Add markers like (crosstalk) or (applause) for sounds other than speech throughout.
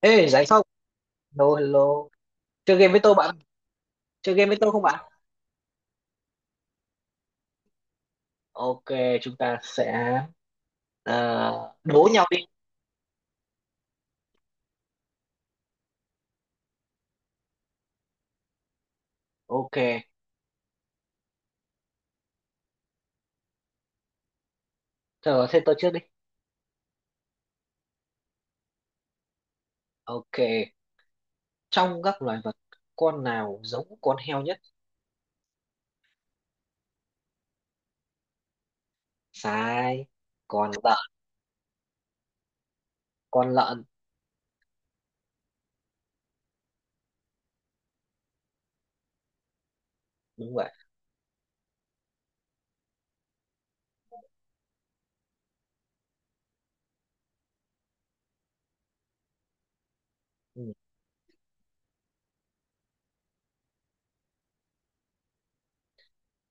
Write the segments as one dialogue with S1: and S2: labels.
S1: Ê, rảnh không? Hello, hello. Chơi game với tôi bạn. Chơi game với tôi không bạn? Ok, chúng ta sẽ đố nhau đi. Ok. Thở thế tôi trước đi. Ok. Trong các loài vật, con nào giống con heo nhất? Sai. Con lợn. Con lợn. Đúng vậy. Ừ.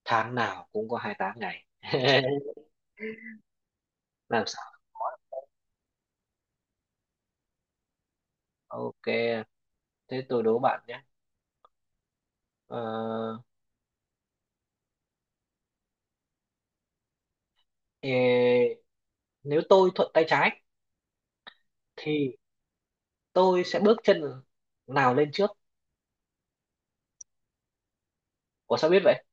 S1: Tháng nào cũng có 28 ngày. (laughs) Làm sao? Ok. Thế tôi đố bạn nhé. Ờ, ê, nếu tôi thuận tay trái thì tôi sẽ bước chân nào lên trước? Ủa sao biết vậy?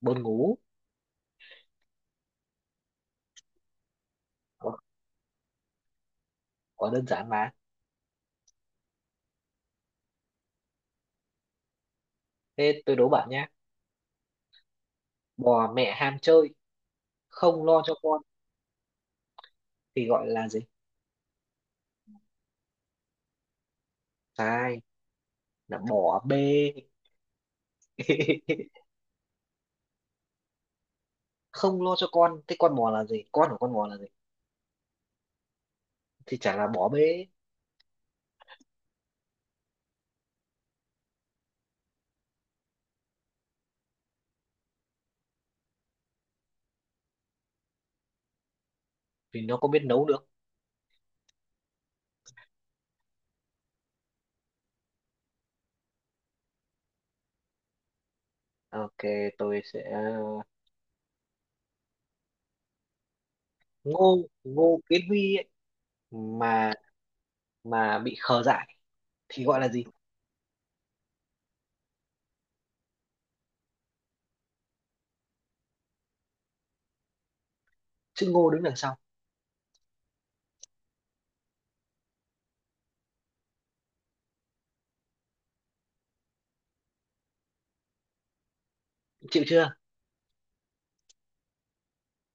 S1: Buồn ngủ. Ủa, quá đơn giản mà. Thế tôi đố bạn nhá. Bò mẹ ham chơi, không lo cho con thì gọi là gì? Sai, là bò bê. (laughs) Không lo cho con, thế con bò là gì? Con của con bò là gì? Thì chả là bò bê, vì nó có biết nấu được. Ok, tôi sẽ Ngô, Ngô Kiến Huy ấy, mà mà bị khờ dại thì gọi là gì? Chữ Ngô đứng đằng sau. Chịu chưa?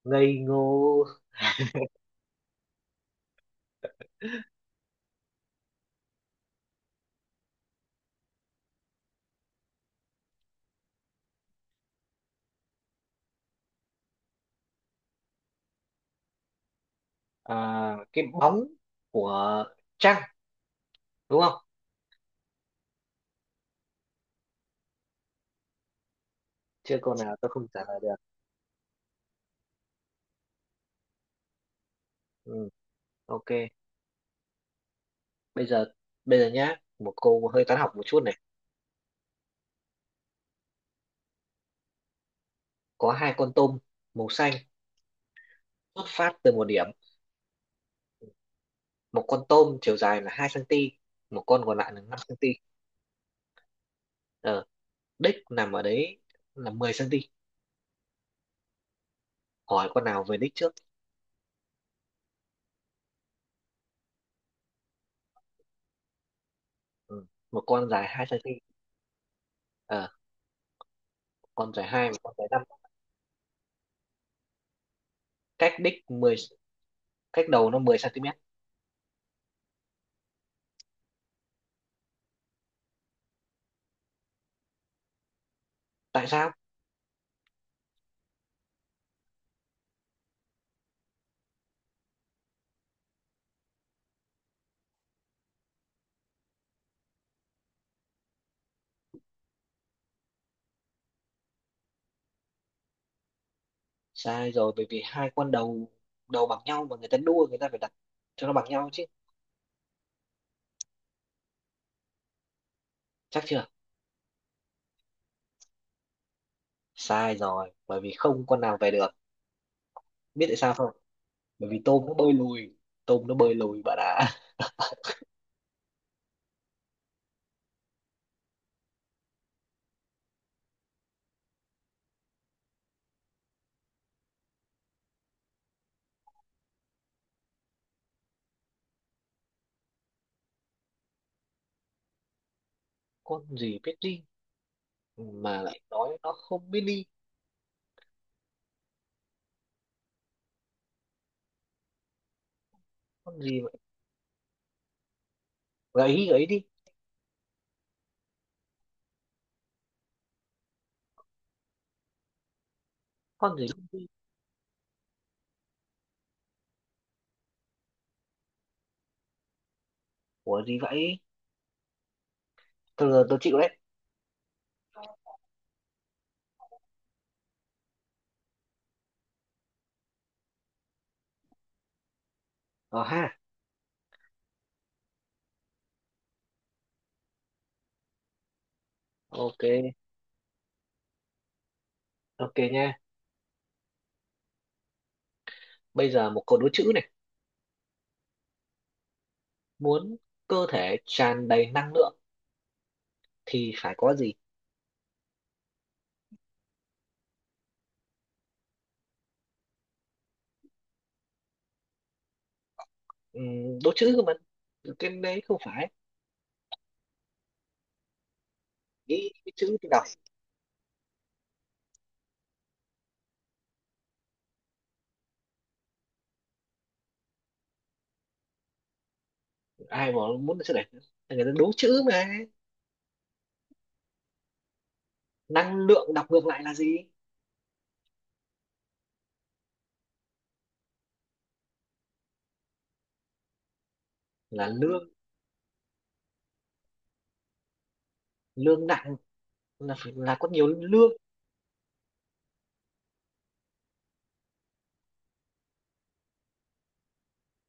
S1: Ngây ngô. À, cái bóng của trăng đúng không? Chưa câu nào tôi không trả lời được. Ừ, ok. Bây giờ bây giờ nhá, một câu hơi toán học một chút này. Có hai con tôm màu xanh xuất phát từ một điểm. Một con tôm chiều dài là 2 cm, một con còn lại là 5 cm. ờ, đích nằm ở đấy là 10 cm. Hỏi con nào về đích trước? Ừ, một con dài 2 cm. ờ, con dài 2 và con dài 5 cách đích 10, cách đầu nó 10 cm. Tại sao? Sai rồi, bởi vì hai con đầu đầu bằng nhau, mà người ta đua người ta phải đặt cho nó bằng nhau chứ. Chắc chưa? Sai rồi, bởi vì không con nào về được. Biết tại sao không? Bởi vì tôm nó bơi lùi. Tôm nó bơi lùi bạn ạ. (laughs) Con gì biết đi mà lại nói nó không biết đi? Con gì vậy? Gợi ý, gợi ý đi. Con gì biết đi? Của gì vậy? Thôi giờ tôi chịu đấy. Ờ ha. Ok. Ok nha, bây giờ một câu đố chữ này. Muốn cơ thể tràn đầy năng lượng thì phải có gì? Đố chữ cơ mà, cái đấy không phải. Cái chữ tôi đọc. Ai mà muốn chữ này, người ta đố chữ mà. Năng lượng đọc ngược lại là gì? Là lương. Lương nặng là phải là có nhiều lương.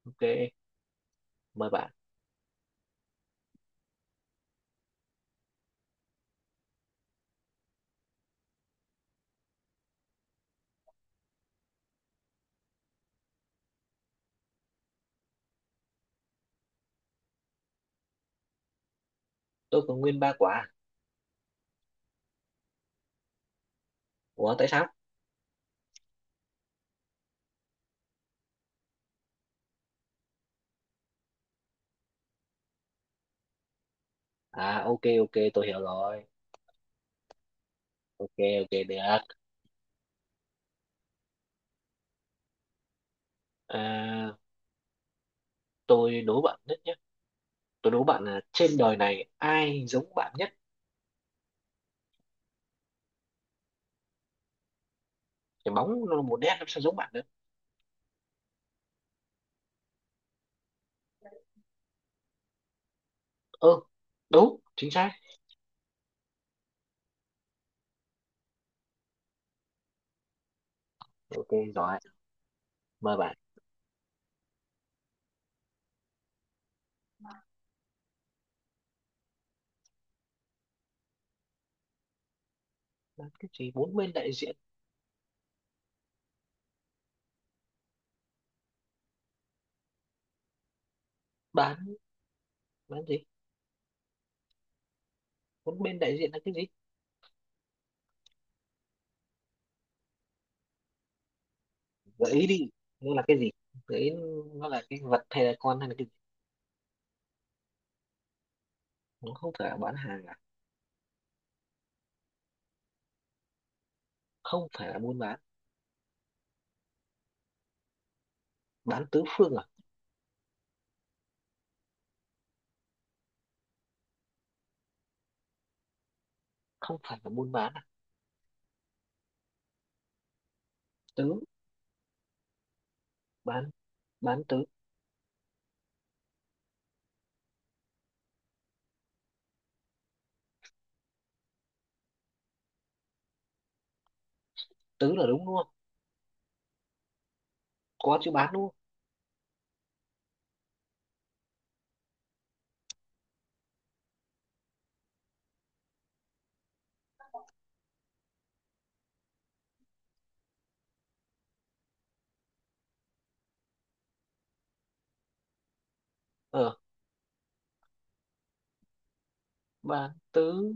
S1: Ok, mời bạn. Tôi có nguyên ba quả. Ủa tại sao? À, ok, ok, tôi hiểu rồi. Ok, ok, được. À, tôi đố bạn nhất nhé. Tôi đố bạn là trên đời này ai giống bạn nhất? Cái bóng nó là một nét, nó sao giống bạn được. Ơ ừ, đúng chính xác. Ok. Rồi, mời bạn. Bán cái gì bốn bên đại diện? bán bán gì? Bốn bên đại diện là cái gì? Gợi ý đi, nó là cái gì? Gợi ý, nó là cái vật hay là con hay là cái? Nó không phải là bán hàng à? Không phải là buôn bán. Bán tứ phương à? Không phải là buôn bán à? Tứ. bán bán tứ. Tứ là đúng, đúng không? Có chữ bán đúng không? Ờ, bán tứ.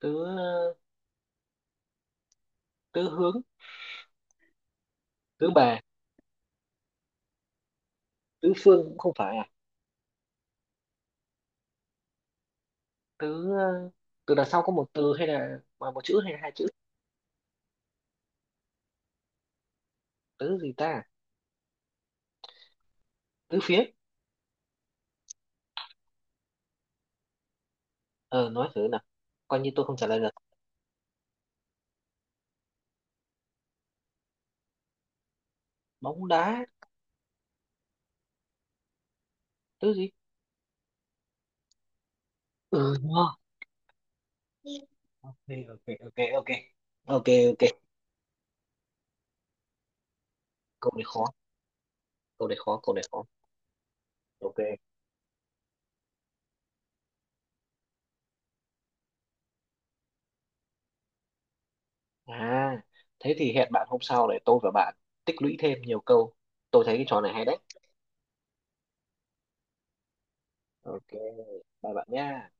S1: Tứ, tứ hướng, tứ bề, tứ phương cũng không phải à? Tứ, từ đằng sau có một từ hay là mà một chữ hay là hai chữ? Tứ gì ta? Tứ phía? Ờ nói thử nào, coi như tôi không trả lời được. Bóng đá tứ gì? Ừ đúng rồi. Ok, ok, ok, ok, ok, ok, câu này khó, câu này khó, câu này khó. Ok. À, thế thì hẹn bạn hôm sau để tôi và bạn tích lũy thêm nhiều câu. Tôi thấy cái trò này hay đấy. Ok, bye bạn nha.